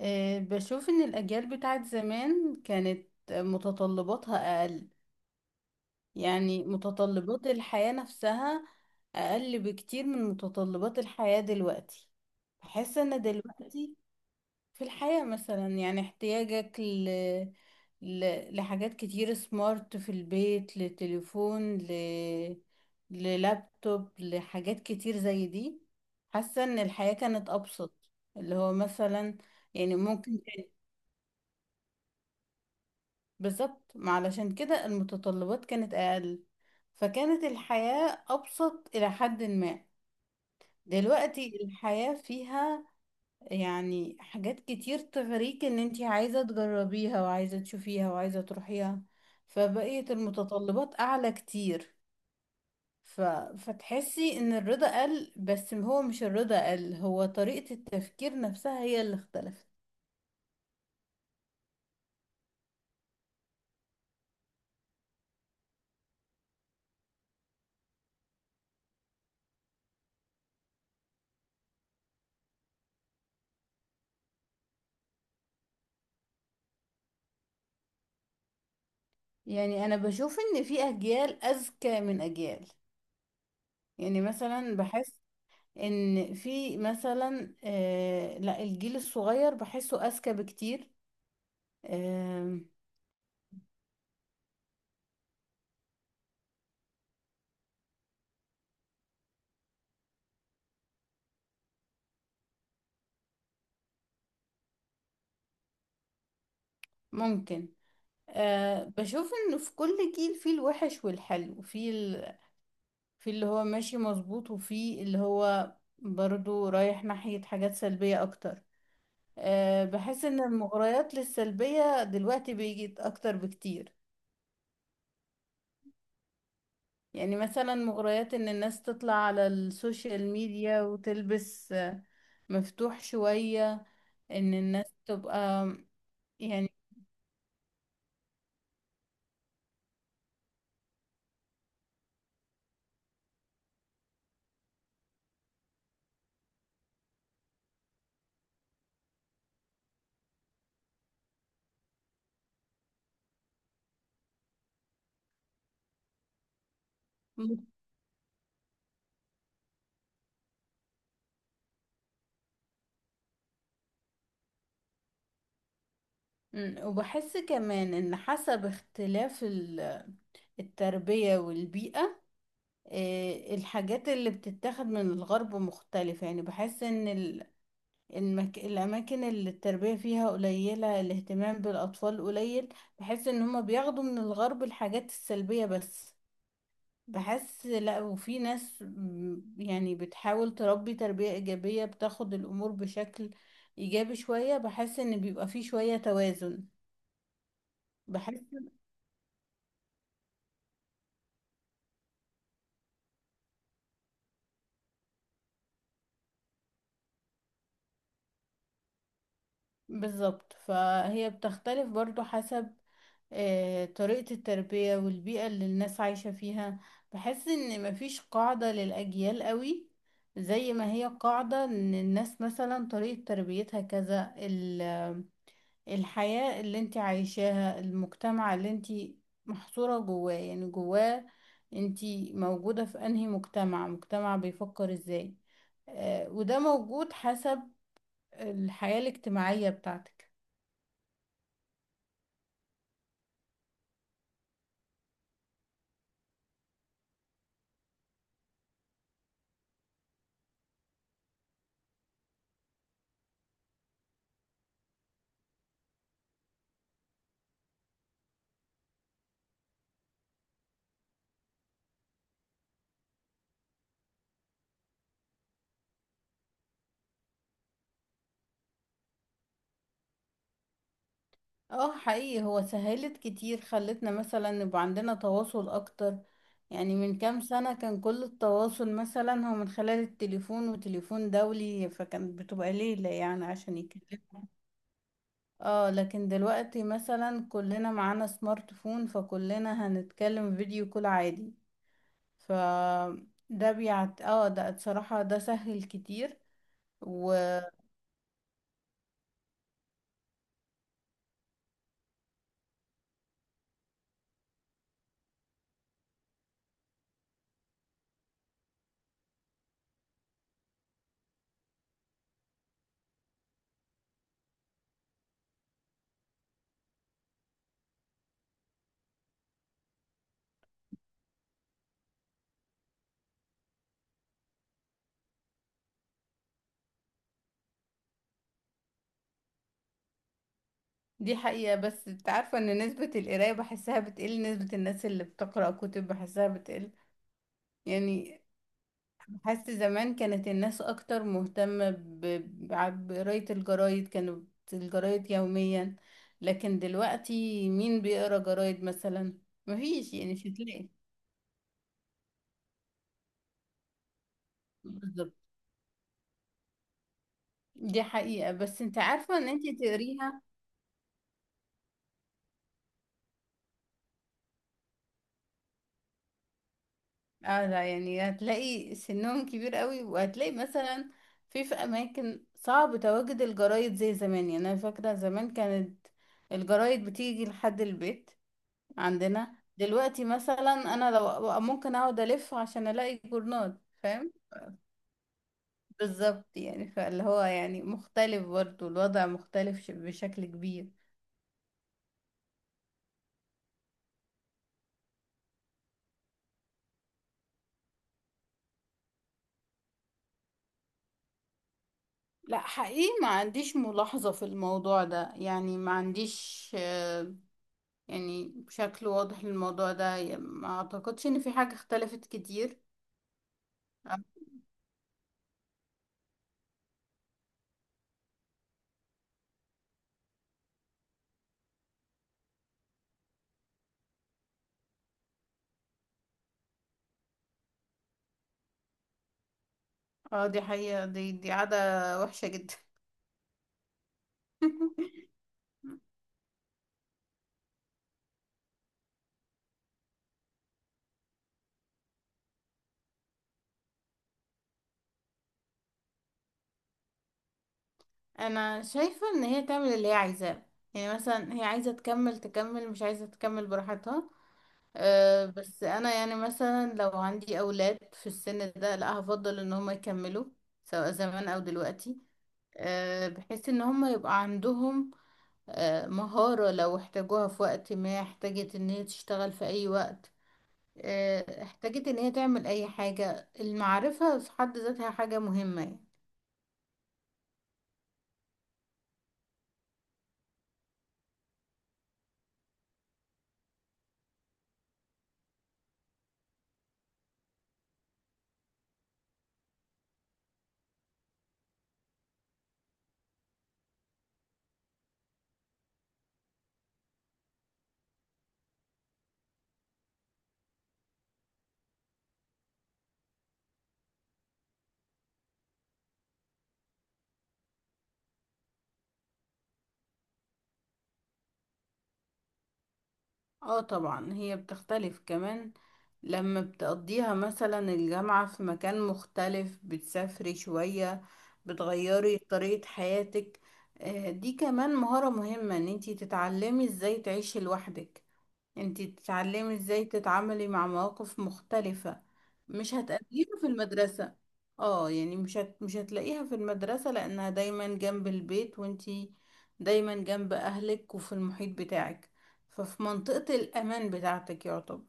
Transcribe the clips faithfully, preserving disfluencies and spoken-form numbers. آه، بشوف ان الاجيال بتاعت زمان كانت متطلباتها اقل، يعني متطلبات الحياة نفسها اقل بكتير من متطلبات الحياة دلوقتي. بحس ان دلوقتي في الحياة مثلا يعني احتياجك ل... ل... لحاجات كتير سمارت في البيت، لتليفون، ل... للابتوب، لحاجات كتير زي دي. حاسة ان الحياة كانت ابسط اللي هو مثلا. يعني ممكن، بالظبط، ما علشان كده المتطلبات كانت أقل، فكانت الحياة أبسط إلى حد ما. دلوقتي الحياة فيها يعني حاجات كتير تغريك إن انتي عايزة تجربيها وعايزة تشوفيها وعايزة تروحيها، فبقيت المتطلبات أعلى كتير. ف... فتحسي إن الرضا قل، بس هو مش الرضا قل، هو طريقة التفكير نفسها هي اللي اختلفت. يعني أنا بشوف إن في أجيال أذكى من أجيال، يعني مثلا بحس ان في مثلا، آه لا، الجيل الصغير بحسه اذكى بكتير. آه ممكن. آه بشوف انه في كل جيل فيه الوحش والحلو في ال... في اللي هو ماشي مظبوط، وفي اللي هو برضو رايح ناحية حاجات سلبية اكتر. آه بحس ان المغريات للسلبية دلوقتي بيجي اكتر بكتير، يعني مثلا مغريات ان الناس تطلع على السوشيال ميديا وتلبس آه، مفتوح شوية، ان الناس تبقى يعني. م- م- وبحس كمان ان حسب اختلاف ال- التربية والبيئة، آه، الحاجات اللي بتتاخد من الغرب مختلفة، يعني بحس ان ال- المك... الاماكن اللي التربية فيها قليلة، الاهتمام بالاطفال قليل، بحس ان هما بياخدوا من الغرب الحاجات السلبية بس. بحس لا، وفي ناس م- يعني بتحاول تربي تربية إيجابية، بتاخد الأمور بشكل إيجابي شوية، بحس إن بيبقى فيه شوية توازن. بحس بالظبط فهي بتختلف برضو حسب آه، طريقة التربية والبيئة اللي الناس عايشة فيها. بحس إن مفيش قاعدة للأجيال قوي زي ما هي قاعدة، إن الناس مثلا طريقة تربيتها كذا. الحياة اللي انت عايشاها، المجتمع اللي انت محصورة جواه، يعني جواه انت موجودة في انهي مجتمع، مجتمع بيفكر ازاي، آه وده موجود حسب الحياة الاجتماعية بتاعتك. اه حقيقي هو سهلت كتير، خلتنا مثلا نبقى عندنا تواصل اكتر. يعني من كام سنة كان كل التواصل مثلا هو من خلال التليفون وتليفون دولي، فكانت بتبقى ليلة يعني عشان يكلموا. اه لكن دلوقتي مثلا كلنا معانا سمارت فون، فكلنا هنتكلم فيديو كول عادي. ف ده بيعت، اه ده بصراحة ده سهل كتير، ودي حقيقة. بس انت عارفة ان نسبة القراية بحسها بتقل، نسبة الناس اللي بتقرأ كتب بحسها بتقل يعني. بحس زمان كانت الناس اكتر مهتمة ب- بع- بقراية الجرايد، كانوا الجرايد يوميا، لكن دلوقتي مين بيقرا جرايد مثلا؟ مفيش يعني، مش هتلاقي. بالظبط، دي حقيقة، بس انت عارفة ان انت تقريها. اه لا يعني هتلاقي سنهم كبير قوي، وهتلاقي مثلا في في اماكن صعب تواجد الجرايد زي زمان، يعني انا فاكرة زمان كانت الجرايد بتيجي لحد البيت. عندنا دلوقتي مثلا انا لو ممكن اقعد الف عشان الاقي جورنال فاهم. بالظبط، يعني فاللي هو يعني مختلف برضو، الوضع مختلف ش- بشكل كبير. لا حقيقي، ما عنديش ملاحظة في الموضوع ده، يعني ما عنديش آه، يعني بشكل واضح للموضوع ده، يعني ما اعتقدش ان في حاجة اختلفت كتير. اه آه، دي حقيقة، دي دي عادة وحشة جدا. انا شايفة ان هي تعمل اللي هي عايزاه، يعني مثلا هي عايزة تكمل تكمل، مش عايزة تكمل براحتها. أه بس انا يعني مثلا لو عندي اولاد في السن ده، لا هفضل ان هم يكملوا سواء زمان او دلوقتي، آه، بحيث ان هم يبقى عندهم آه، مهارة لو احتاجوها في وقت ما، احتاجت ان هي تشتغل في اي وقت، آه، احتاجت ان هي تعمل اي حاجة. المعرفة في حد ذاتها حاجة مهمة يعني. اه طبعا هي بتختلف كمان لما بتقضيها مثلا الجامعة في مكان مختلف، بتسافري شوية، بتغيري طريقة حياتك، آه، دي كمان مهارة مهمة، ان انتي تتعلمي ازاي تعيشي لوحدك، انتي تتعلمي ازاي تتعاملي مع مواقف مختلفة مش هتقابليها في المدرسة. اه يعني مش هت... مش هتلاقيها في المدرسة، لانها دايما جنب البيت وانتي دايما جنب اهلك وفي المحيط بتاعك، ففي منطقة الامان بتاعتك يعتبر.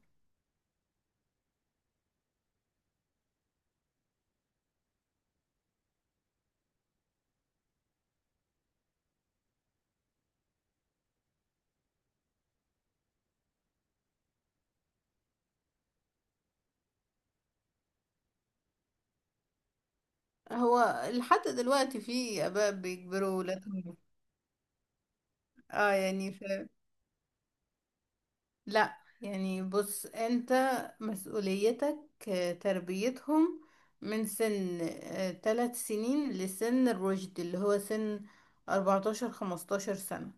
هو لحد دلوقتي في اباء بيجبروا ولادهم؟ اه يعني. لا يعني، بص، انت مسؤوليتك آه، تربيتهم من سن ثلاث سنين لسن الرشد اللي هو سن أربعة عشر 15 سنة.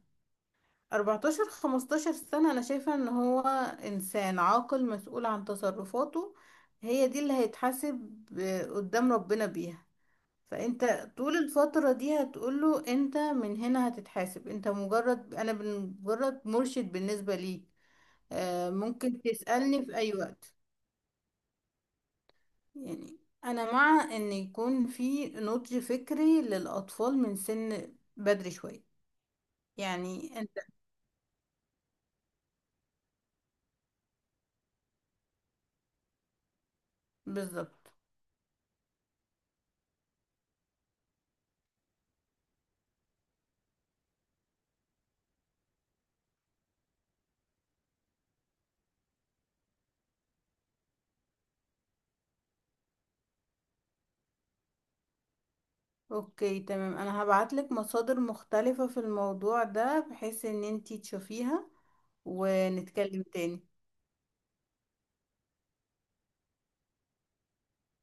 أربعة عشر 15 سنة انا شايفة ان هو انسان عاقل مسؤول عن تصرفاته، هي دي اللي هيتحاسب آه، قدام ربنا بيها. فانت طول الفترة دي هتقوله انت من هنا هتتحاسب، انت مجرد، انا مجرد مرشد بالنسبة ليك، آه، ممكن تسألني في أي وقت يعني. أنا مع إن يكون في نضج فكري للأطفال من سن بدري شوية، يعني أنت بالظبط. أوكي تمام، أنا هبعتلك مصادر مختلفة في الموضوع ده بحيث إن أنتي تشوفيها ونتكلم تاني.